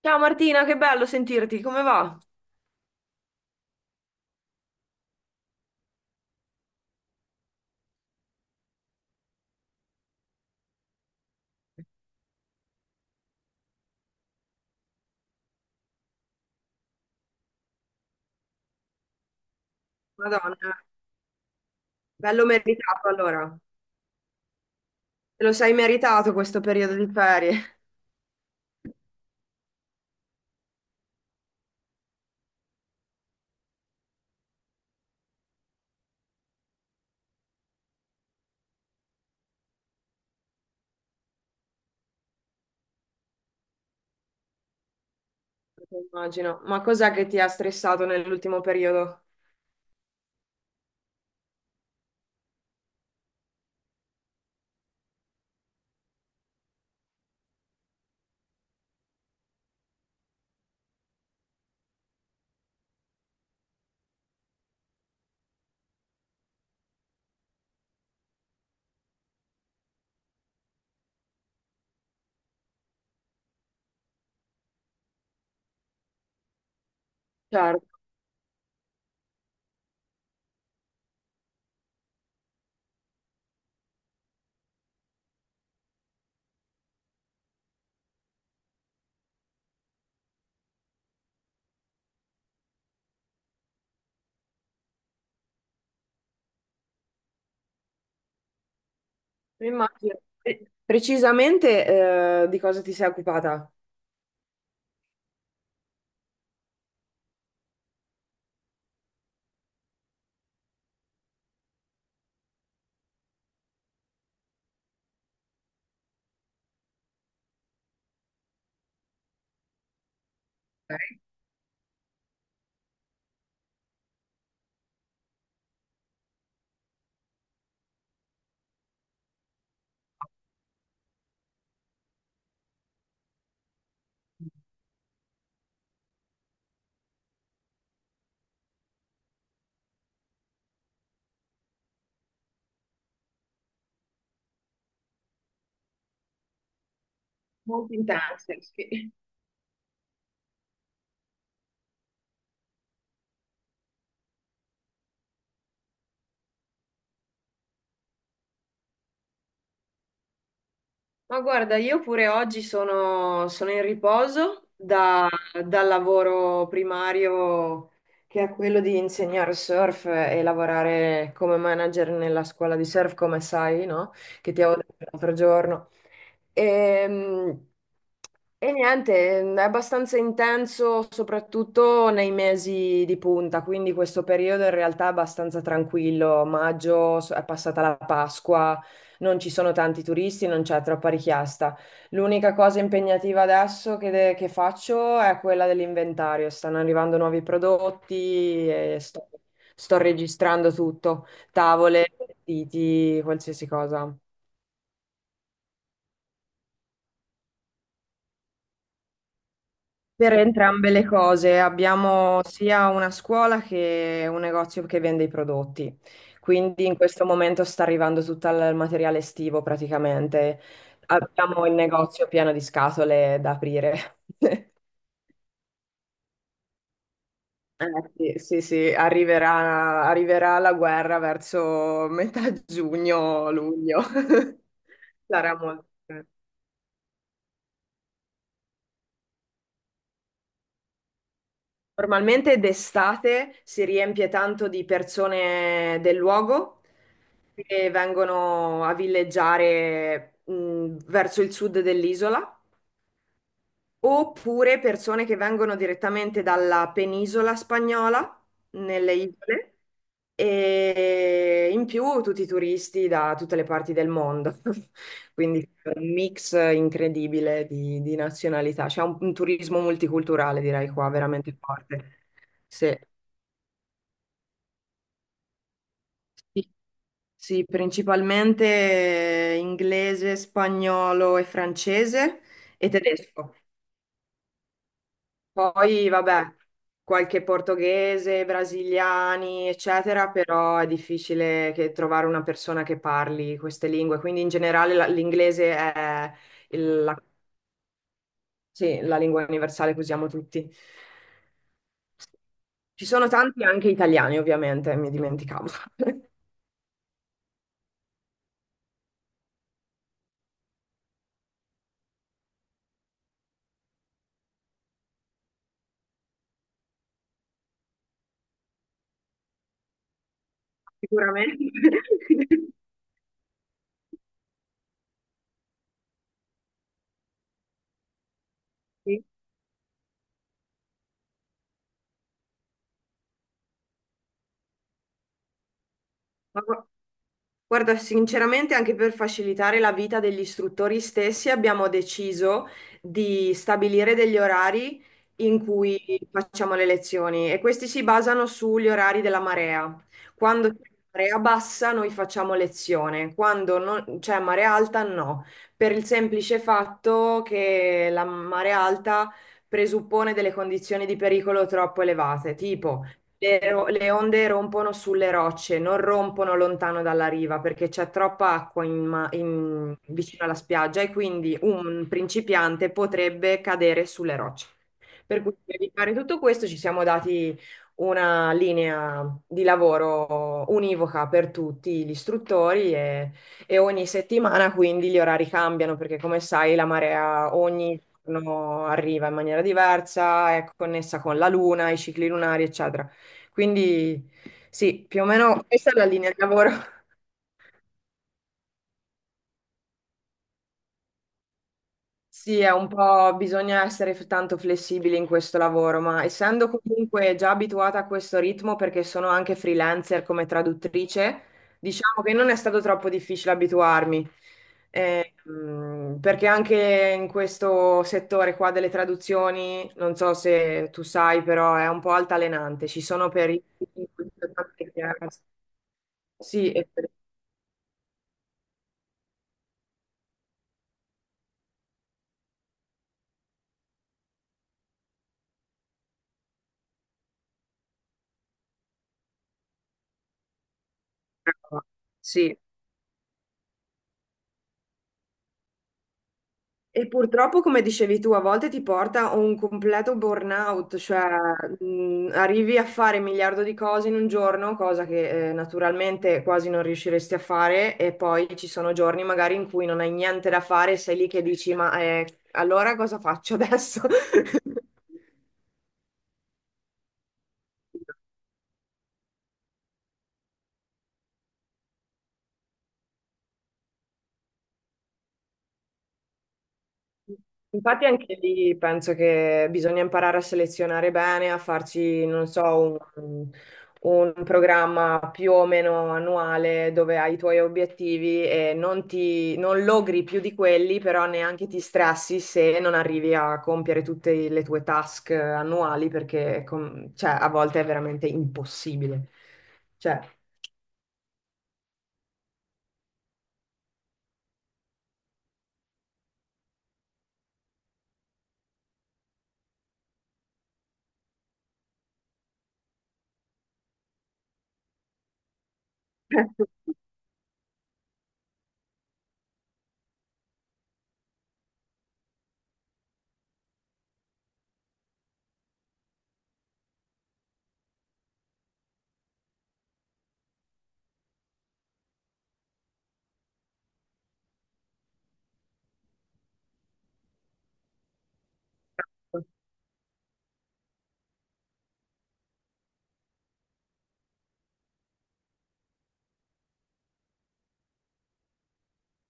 Ciao Martina, che bello sentirti, come va? Madonna, bello meritato allora. Te lo sei meritato questo periodo di ferie. Immagino. Ma cos'è che ti ha stressato nell'ultimo periodo? Certo, immagino. Precisamente, di cosa ti sei occupata? Ok. Molto intense, sì. Ma guarda, io pure oggi sono in riposo. Mm. Dal lavoro primario che è quello di insegnare surf e lavorare come manager nella scuola di surf, come sai, no? Che ti avevo detto l'altro giorno. Ehm, Niente, è abbastanza intenso, soprattutto nei mesi di punta, quindi questo periodo in realtà è abbastanza tranquillo. È passata la Pasqua, non ci sono tanti turisti, non c'è troppa richiesta. L'unica cosa impegnativa adesso che faccio è quella dell'inventario. Stanno arrivando nuovi prodotti e sto registrando tutto, tavole, vestiti, qualsiasi cosa. Per entrambe le cose, abbiamo sia una scuola che un negozio che vende i prodotti, quindi in questo momento sta arrivando tutto il materiale estivo praticamente. Abbiamo il negozio pieno di scatole da aprire. Eh, sì, sì, sì, arriverà la guerra verso metà giugno, luglio. Sarà molto. Normalmente d'estate si riempie tanto di persone del luogo che vengono a villeggiare verso il sud dell'isola, oppure persone che vengono direttamente dalla penisola spagnola, nelle isole, e in più tutti i turisti da tutte le parti del mondo. Quindi è un mix incredibile di nazionalità. Un turismo multiculturale, direi qua, veramente forte. Sì. Sì, sì, principalmente inglese, spagnolo e francese e tedesco. Poi, vabbè, qualche portoghese, brasiliani, eccetera, però è difficile che- trovare una persona che parli queste lingue. Quindi in generale l'inglese è il- la, sì, la lingua universale che usiamo tutti. Ci sono tanti anche italiani, ovviamente, mi dimenticavo. Sicuramente. Sì. Ma Guarda, sinceramente anche per facilitare la vita degli istruttori stessi abbiamo deciso di stabilire degli orari in cui facciamo le lezioni e questi si basano sugli orari della marea. Quando c'è marea bassa noi facciamo lezione, quando c'è marea alta no, per il semplice fatto che la marea alta presuppone delle condizioni di pericolo troppo elevate, tipo le, le onde rompono sulle rocce, non rompono lontano dalla riva perché c'è troppa acqua vicino alla spiaggia e quindi un principiante potrebbe cadere sulle rocce. Per cui per evitare tutto questo ci siamo dati una linea di lavoro univoca per tutti gli istruttori e ogni settimana quindi gli orari cambiano perché come sai la marea ogni giorno arriva in maniera diversa, è connessa con la luna, i cicli lunari, eccetera. Quindi sì, più o meno questa è la linea di lavoro. Sì, è un po', bisogna essere tanto flessibili in questo lavoro, ma essendo comunque già abituata a questo ritmo, perché sono anche freelancer come traduttrice, diciamo che non è stato troppo difficile abituarmi. Perché anche in questo settore qua delle traduzioni, non so se tu sai, però è un po' altalenante. Ci sono periodi in cui c'è tante chiasse. Sì, e- per- sì. E purtroppo, come dicevi tu, a volte ti porta a un completo burnout, cioè arrivi a fare un miliardo di cose in un giorno, cosa che naturalmente quasi non riusciresti a fare, e poi ci sono giorni magari in cui non hai niente da fare, sei lì che dici, ma allora cosa faccio adesso? Infatti anche lì penso che bisogna imparare a selezionare bene, a farci, non so, un, un programma più o meno annuale dove hai i tuoi obiettivi e non logri più di quelli, però neanche ti stressi se non arrivi a compiere tutte le tue task annuali perché cioè, a volte è veramente impossibile. Cioè,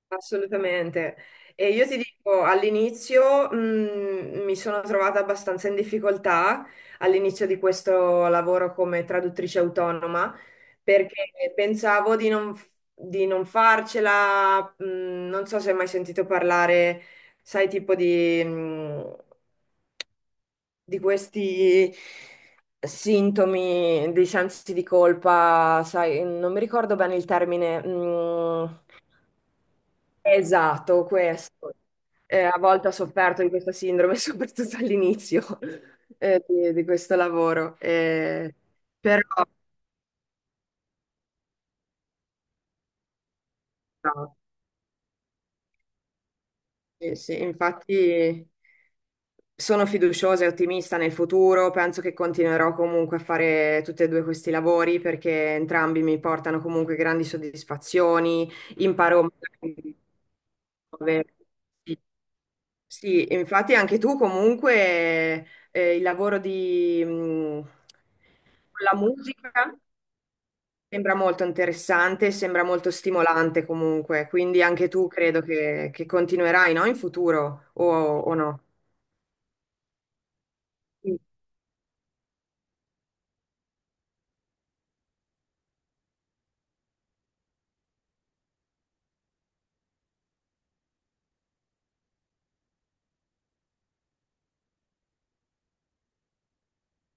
assolutamente. E io ti dico, all'inizio mi sono trovata abbastanza in difficoltà all'inizio di questo lavoro come traduttrice autonoma perché pensavo di non farcela, non so se hai mai sentito parlare, sai, di questi sintomi di sensi di colpa, sai, non mi ricordo bene il termine. Esatto, questo. A volte ho sofferto di questa sindrome, soprattutto all'inizio di questo lavoro. Però, no, Sì, sì, infatti sono fiduciosa e ottimista nel futuro. Penso che continuerò comunque a fare tutti e due questi lavori perché entrambi mi portano comunque grandi soddisfazioni. Imparo magari nuove- sì, e infatti anche tu comunque eh, il lavoro di, mh, con la musica sembra molto interessante, sembra molto stimolante comunque, quindi anche tu credo che continuerai, no? In futuro o no? Sì.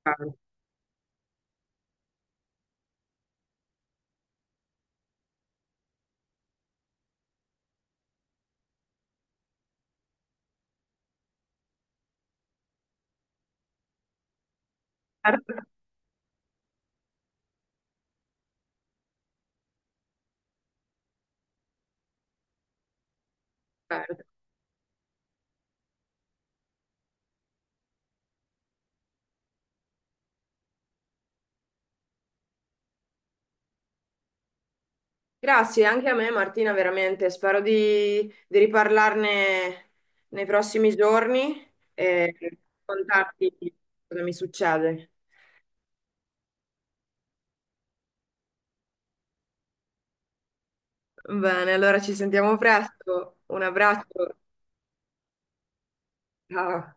Certo, certo. Grazie anche a me Martina, veramente, di riparlarne nei prossimi giorni e contarti cosa mi succede. Bene, allora ci sentiamo presto. Un abbraccio. Ciao.